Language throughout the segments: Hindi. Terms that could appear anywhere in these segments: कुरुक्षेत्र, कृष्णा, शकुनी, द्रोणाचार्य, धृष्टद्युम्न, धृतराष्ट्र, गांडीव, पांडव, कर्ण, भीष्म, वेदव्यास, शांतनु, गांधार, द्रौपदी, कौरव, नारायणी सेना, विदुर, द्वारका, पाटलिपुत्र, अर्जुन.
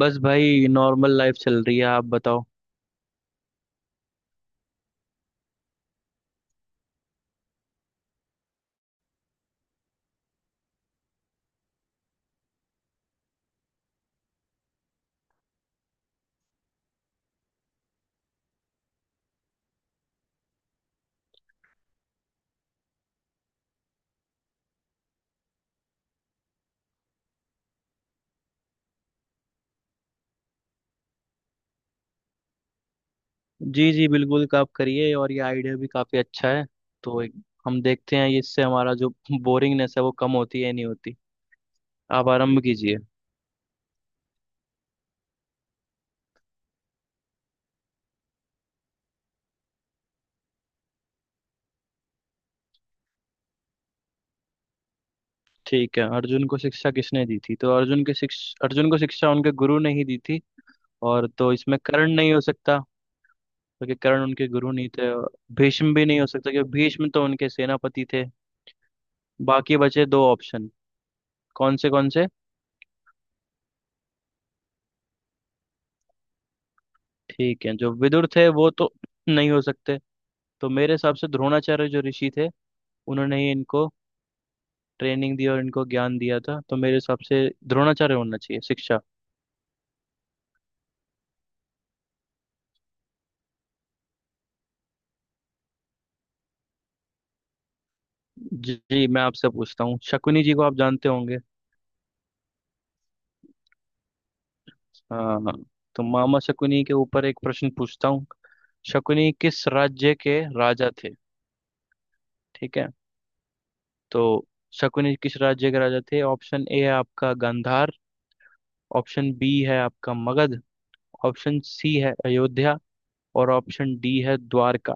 बस भाई नॉर्मल लाइफ चल रही है। आप बताओ। जी जी बिल्कुल आप करिए। और ये आइडिया भी काफ़ी अच्छा है। तो एक, हम देखते हैं इससे हमारा जो बोरिंगनेस है वो कम होती है या नहीं होती। आप आरंभ कीजिए। ठीक है, अर्जुन को शिक्षा किसने दी थी? तो अर्जुन को शिक्षा उनके गुरु ने ही दी थी। और तो इसमें कर्ण नहीं हो सकता, क्योंकि कर्ण उनके गुरु नहीं थे। और भीष्म भी नहीं हो सकता, क्योंकि भीष्म तो उनके सेनापति थे। बाकी बचे दो ऑप्शन, कौन से कौन से। ठीक है, जो विदुर थे वो तो नहीं हो सकते। तो मेरे हिसाब से द्रोणाचार्य जो ऋषि थे, उन्होंने ही इनको ट्रेनिंग दी और इनको ज्ञान दिया था। तो मेरे हिसाब से द्रोणाचार्य होना चाहिए शिक्षा। जी जी, मैं आपसे पूछता हूँ, शकुनी जी को आप जानते होंगे। हाँ हाँ। तो मामा शकुनी के ऊपर एक प्रश्न पूछता हूँ। शकुनी किस राज्य के राजा थे? ठीक है, तो शकुनी किस राज्य के राजा थे? ऑप्शन ए है आपका गांधार, ऑप्शन बी है आपका मगध, ऑप्शन सी है अयोध्या, और ऑप्शन डी है द्वारका।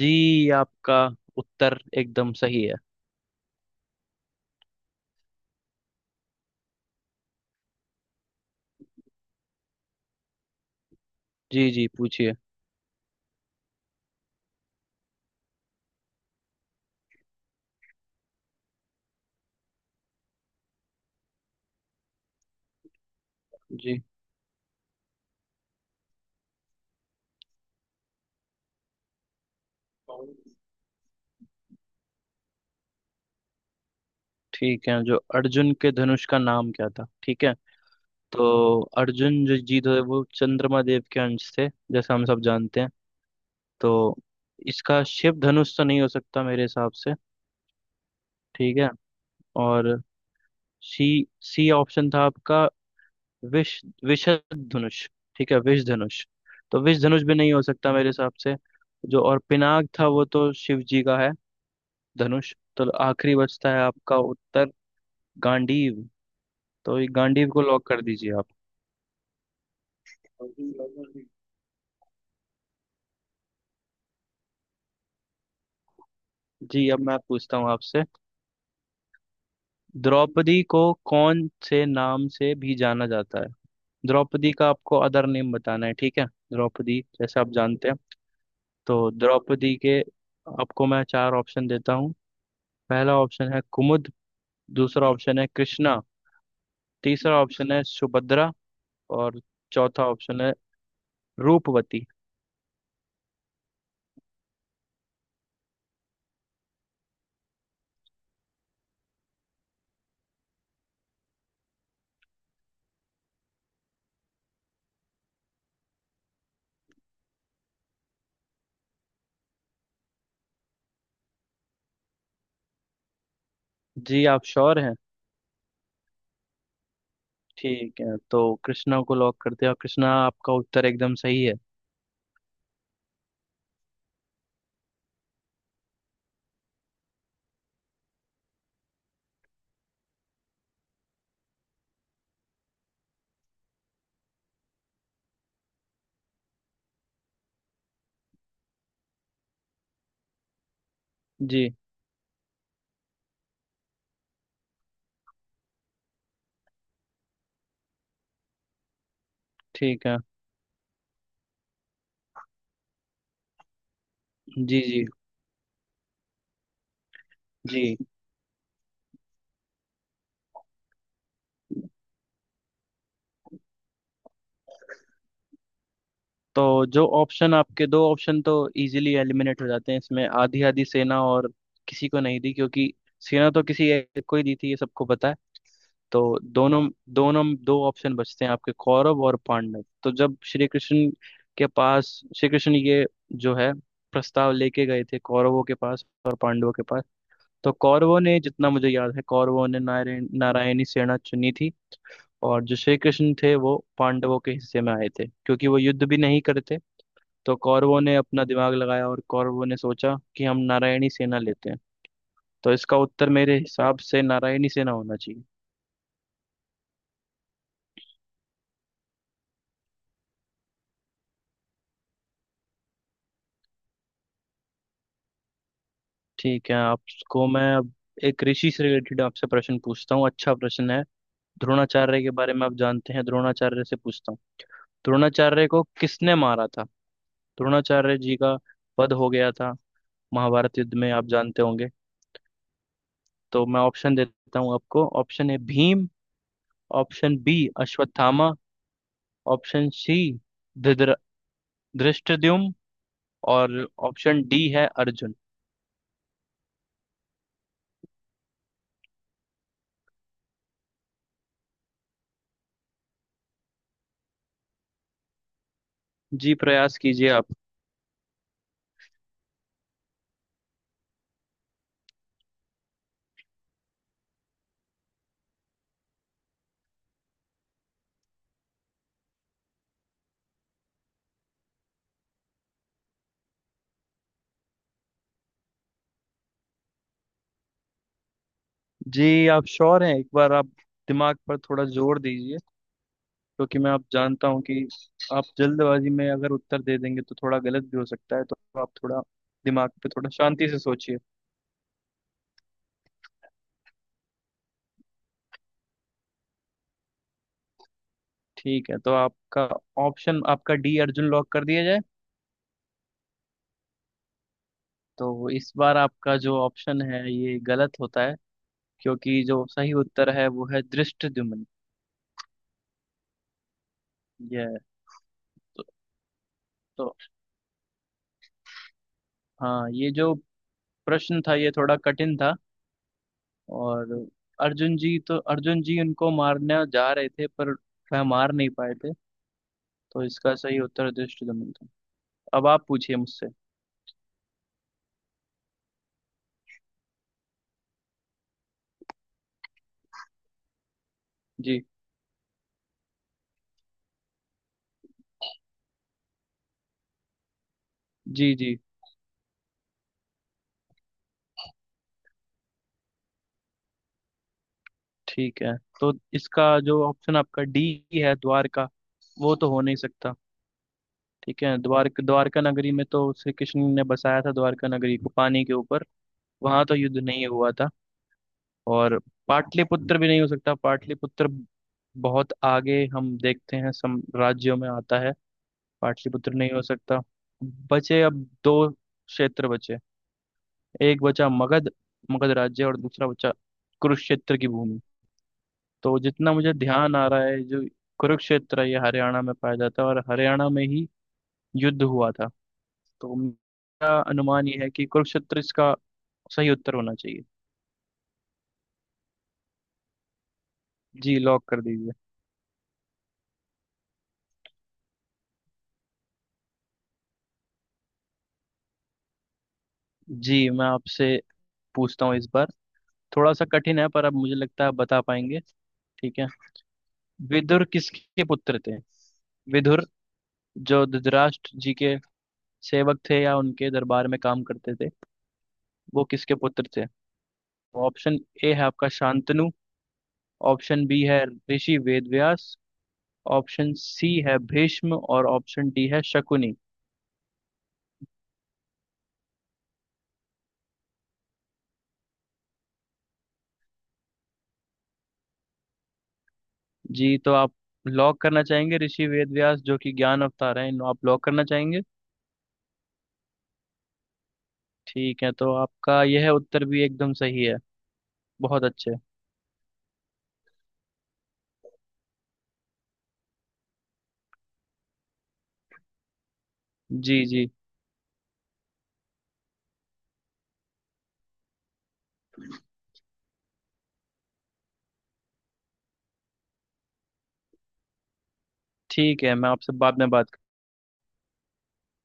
जी, आपका उत्तर एकदम सही है। जी जी, पूछिए। जी। ठीक है, जो अर्जुन के धनुष का नाम क्या था, ठीक है। तो अर्जुन जो जी थे वो चंद्रमा देव के अंश थे, जैसा हम सब जानते हैं। तो इसका शिव धनुष तो नहीं हो सकता मेरे हिसाब से। ठीक है। और सी सी ऑप्शन था आपका, विष विषध धनुष। ठीक है, विष धनुष। तो विष धनुष भी नहीं हो सकता मेरे हिसाब से। जो और पिनाक था वो तो शिव जी का है धनुष। तो आखिरी बचता है आपका उत्तर गांडीव। तो ये गांडीव को लॉक कर दीजिए आप। जी, अब मैं पूछता हूँ आपसे, द्रौपदी को कौन से नाम से भी जाना जाता है? द्रौपदी का आपको अदर नेम बताना है, ठीक है? द्रौपदी, जैसे आप जानते हैं। तो द्रौपदी के आपको मैं चार ऑप्शन देता हूँ। पहला ऑप्शन है कुमुद, दूसरा ऑप्शन है कृष्णा, तीसरा ऑप्शन है सुभद्रा, और चौथा ऑप्शन है रूपवती। जी आप श्योर हैं? ठीक है, तो कृष्णा को लॉक करते हैं और कृष्णा आपका उत्तर एकदम सही है। जी। ठीक है। जी जी। जी, तो जो ऑप्शन आपके दो ऑप्शन तो इजीली एलिमिनेट हो जाते हैं इसमें, आधी आधी सेना और किसी को नहीं दी, क्योंकि सेना तो किसी एक को ही दी थी ये सबको पता है। तो दोनों दोनों दो ऑप्शन बचते हैं आपके, कौरव और पांडव। तो जब श्री कृष्ण के पास, श्री कृष्ण ये जो है प्रस्ताव लेके गए थे कौरवों के पास और पांडवों के पास, तो कौरवों ने, जितना मुझे याद है, कौरवों ने नारायणी सेना चुनी थी। और जो श्री कृष्ण थे वो पांडवों के हिस्से में आए थे, क्योंकि वो युद्ध भी नहीं करते। तो कौरवों ने अपना दिमाग लगाया और कौरवों ने सोचा कि हम नारायणी सेना लेते हैं। तो इसका उत्तर मेरे हिसाब से नारायणी सेना होना चाहिए। ठीक है, आपको मैं अब एक ऋषि से रिलेटेड आपसे प्रश्न पूछता हूँ, अच्छा प्रश्न है। द्रोणाचार्य के बारे में आप जानते हैं, द्रोणाचार्य से पूछता हूँ। द्रोणाचार्य को किसने मारा था? द्रोणाचार्य जी का वध हो गया था महाभारत युद्ध में, आप जानते होंगे। तो मैं ऑप्शन देता हूँ आपको। Option A Bhim, option B Ashwatthama, option C धृतर- धृष्टद्युम्न, और ऑप्शन डी है अर्जुन। जी, प्रयास कीजिए आप। जी आप श्योर हैं? एक बार आप दिमाग पर थोड़ा जोर दीजिए, क्योंकि मैं आप जानता हूँ कि आप जल्दबाजी में अगर उत्तर दे देंगे तो थोड़ा गलत भी हो सकता है। तो आप थोड़ा दिमाग पे थोड़ा शांति से सोचिए। ठीक है, तो आपका ऑप्शन, आपका डी अर्जुन लॉक कर दिया जाए। तो इस बार आपका जो ऑप्शन है ये गलत होता है, क्योंकि जो सही उत्तर है वो है दृष्टद्युम्न। ये है। तो, तो हाँ, ये जो प्रश्न था ये थोड़ा कठिन था। और अर्जुन जी तो, अर्जुन जी उनको मारने जा रहे थे पर वह मार नहीं पाए थे। तो इसका सही उत्तर दृष्टद्युम्न था। अब आप पूछिए मुझसे। जी जी। जी। ठीक है, तो इसका जो ऑप्शन आपका डी है द्वार का वो तो हो नहीं सकता। ठीक है, द्वारका नगरी में तो श्री कृष्ण ने बसाया था, द्वारका नगरी को पानी के ऊपर, वहां तो युद्ध नहीं हुआ था। और पाटलिपुत्र भी नहीं हो सकता, पाटलिपुत्र बहुत आगे हम देखते हैं सम राज्यों में आता है, पाटलिपुत्र नहीं हो सकता। बचे अब दो क्षेत्र बचे, एक बचा मगध, मगध राज्य, और दूसरा बचा कुरुक्षेत्र की भूमि। तो जितना मुझे ध्यान आ रहा है, जो कुरुक्षेत्र है, ये हरियाणा में पाया जाता है और हरियाणा में ही युद्ध हुआ था। तो मेरा अनुमान ये है कि कुरुक्षेत्र इसका सही उत्तर होना चाहिए। जी लॉक कर दीजिए। जी, मैं आपसे पूछता हूँ इस बार, थोड़ा सा कठिन है पर अब मुझे लगता है आप बता पाएंगे, ठीक है? विदुर किसके पुत्र थे? विदुर, जो धृतराष्ट्र जी के सेवक थे या उनके दरबार में काम करते थे, वो किसके पुत्र थे? ऑप्शन ए है आपका शांतनु, ऑप्शन बी है ऋषि वेदव्यास, ऑप्शन सी है भीष्म, और ऑप्शन डी है शकुनि। जी तो आप लॉक करना चाहेंगे ऋषि वेद व्यास, जो कि ज्ञान अवतार हैं, आप लॉक करना चाहेंगे? ठीक है, तो आपका यह उत्तर भी एकदम सही है। बहुत अच्छे। जी जी। ठीक है, मैं आपसे बाद में बात।